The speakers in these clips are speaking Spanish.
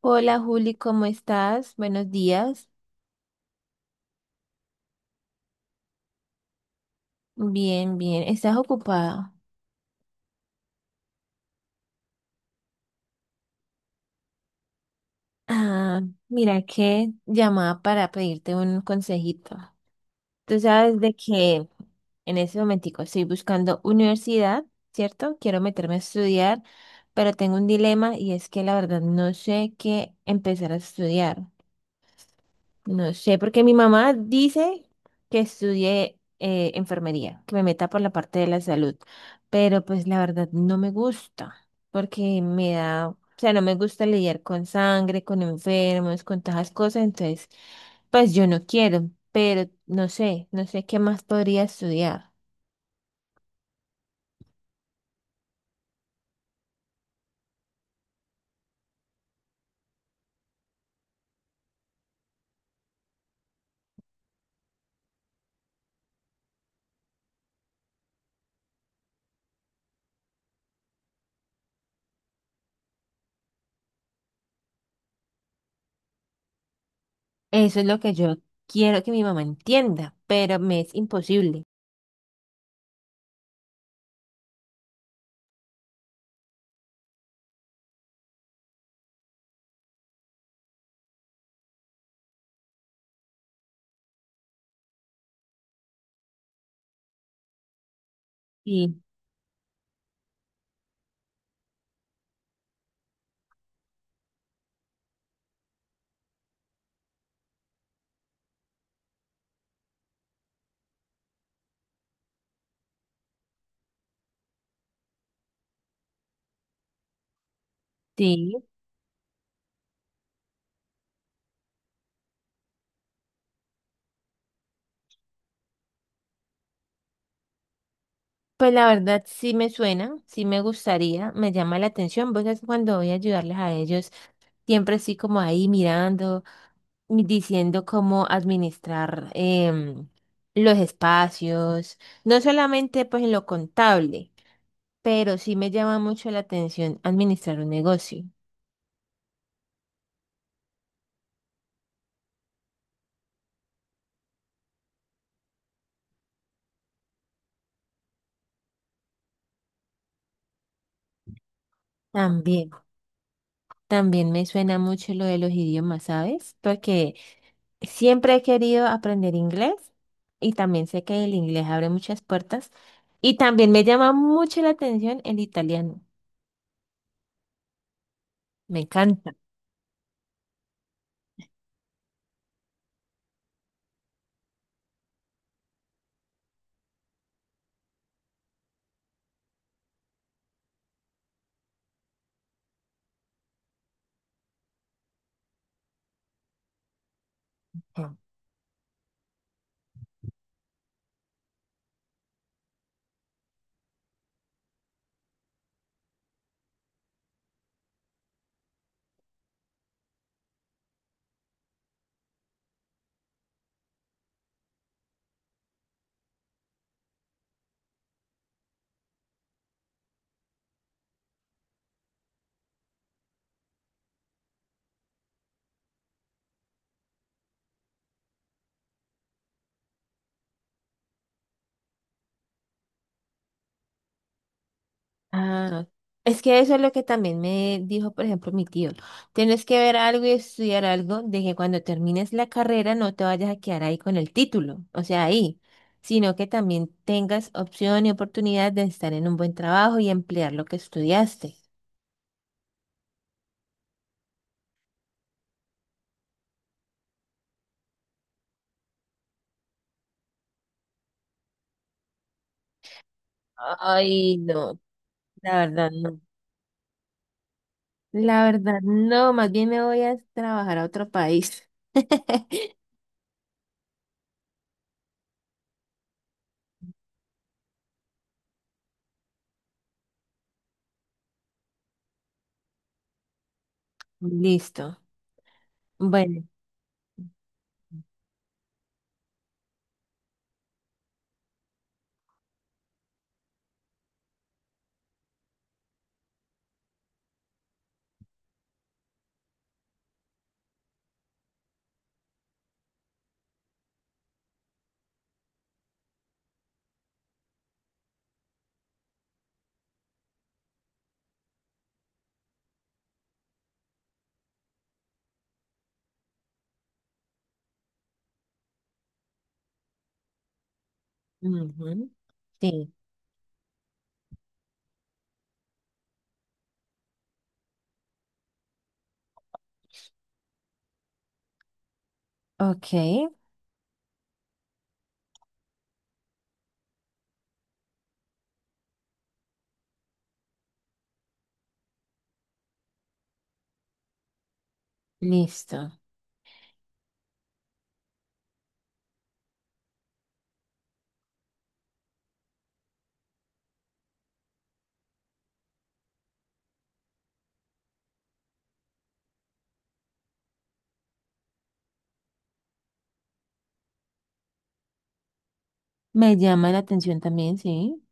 Hola Juli, ¿cómo estás? Buenos días. Bien, bien. ¿Estás ocupada? Ah, mira que llamaba para pedirte un consejito. Tú sabes de que en ese momentico estoy buscando universidad, ¿cierto? Quiero meterme a estudiar, pero tengo un dilema y es que la verdad no sé qué empezar a estudiar. No sé, porque mi mamá dice que estudie enfermería, que me meta por la parte de la salud, pero pues la verdad no me gusta, porque me da, o sea, no me gusta lidiar con sangre, con enfermos, con todas esas cosas, entonces, pues yo no quiero, pero no sé qué más podría estudiar. Eso es lo que yo quiero que mi mamá entienda, pero me es imposible. Sí, sí. Pues la verdad sí me suena, sí me gustaría, me llama la atención. Vos sabés que cuando voy a ayudarles a ellos, siempre así como ahí mirando, diciendo cómo administrar los espacios, no solamente pues en lo contable, pero sí me llama mucho la atención administrar un negocio también. También me suena mucho lo de los idiomas, ¿sabes? Porque siempre he querido aprender inglés y también sé que el inglés abre muchas puertas y también me llama mucho la atención el italiano. Me encanta. Ah, es que eso es lo que también me dijo, por ejemplo, mi tío. Tienes que ver algo y estudiar algo de que cuando termines la carrera no te vayas a quedar ahí con el título, o sea, ahí, sino que también tengas opción y oportunidad de estar en un buen trabajo y emplear lo que estudiaste. Ay, no, la verdad no. La verdad no, más bien me voy a trabajar a otro país. Listo. Bueno. Ujú. Sí, ok, listo. Me llama la atención también, sí.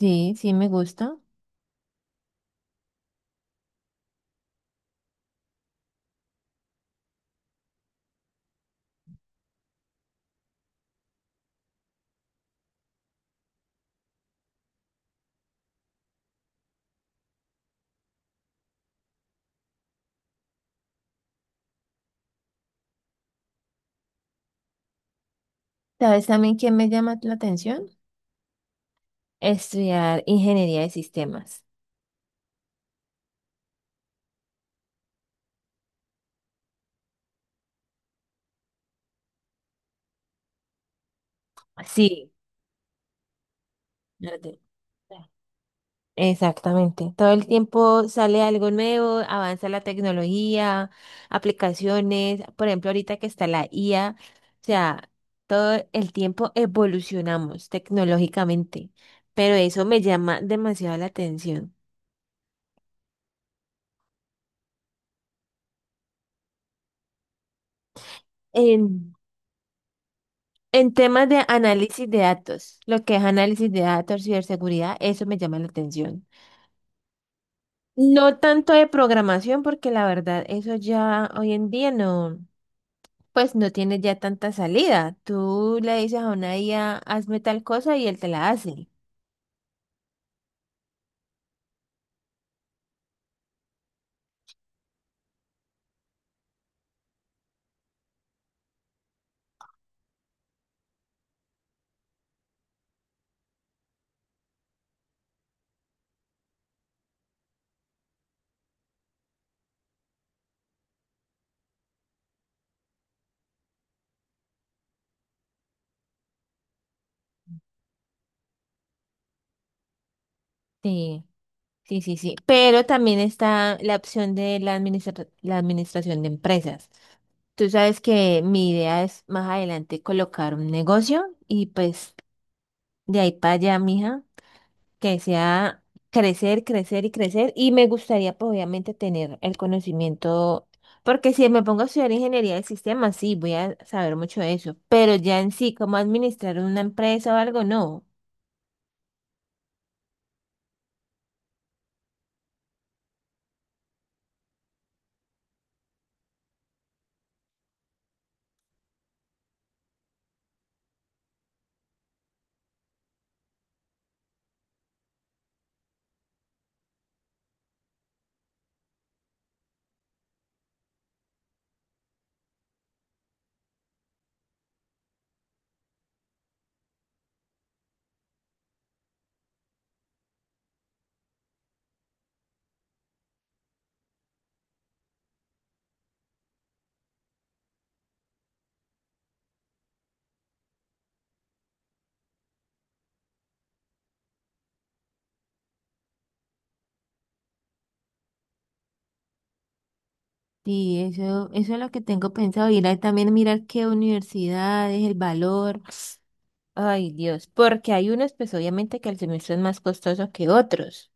Sí, sí, me gusta. ¿Sabes también quién me llama la atención? Estudiar ingeniería de sistemas. Sí. Arte. Exactamente. Todo el tiempo sale algo nuevo, avanza la tecnología, aplicaciones. Por ejemplo, ahorita que está la IA, o sea, todo el tiempo evolucionamos tecnológicamente, pero eso me llama demasiado la atención. En- En temas de análisis de datos, lo que es análisis de datos, ciberseguridad, eso me llama la atención. No tanto de programación, porque la verdad, eso ya hoy en día no, pues no tiene ya tanta salida. Tú le dices a una IA, hazme tal cosa y él te la hace. Sí, sí, sí, sí. Pero también está la opción de la la administración de empresas. Tú sabes que mi idea es más adelante colocar un negocio y pues de ahí para allá, mija. Que sea crecer, crecer y crecer. Y me gustaría, pues, obviamente, tener el conocimiento, porque si me pongo a estudiar ingeniería del sistema, sí, voy a saber mucho de eso, pero ya en sí, cómo administrar una empresa o algo, no. Sí, eso es lo que tengo pensado, ir a también mirar qué universidades, el valor. Ay, Dios, porque hay unos, pues obviamente que el semestre es más costoso que otros.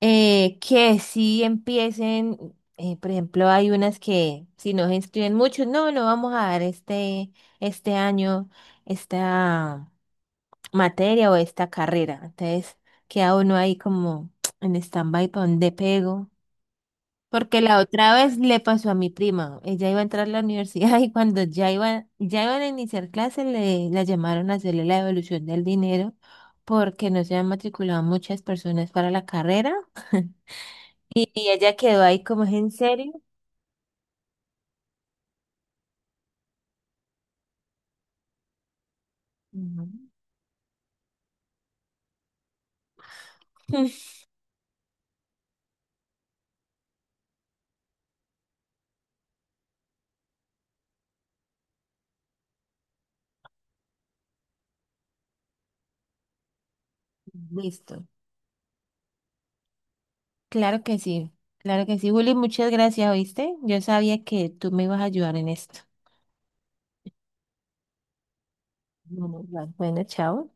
Que sí empiecen, por ejemplo, hay unas que si no se inscriben muchos, no, no vamos a dar este, este año esta materia o esta carrera. Entonces queda uno ahí como en stand-by para dónde pego. Porque la otra vez le pasó a mi prima, ella iba a entrar a la universidad y cuando ya iba, ya iban a iniciar clases le la llamaron a hacerle la devolución del dinero porque no se habían matriculado muchas personas para la carrera. Y ella quedó ahí como, ¿es en serio? Ujú. Listo. Claro que sí. Claro que sí, Juli, muchas gracias, ¿oíste? Yo sabía que tú me ibas a ayudar en esto. Bueno, Bueno, chao.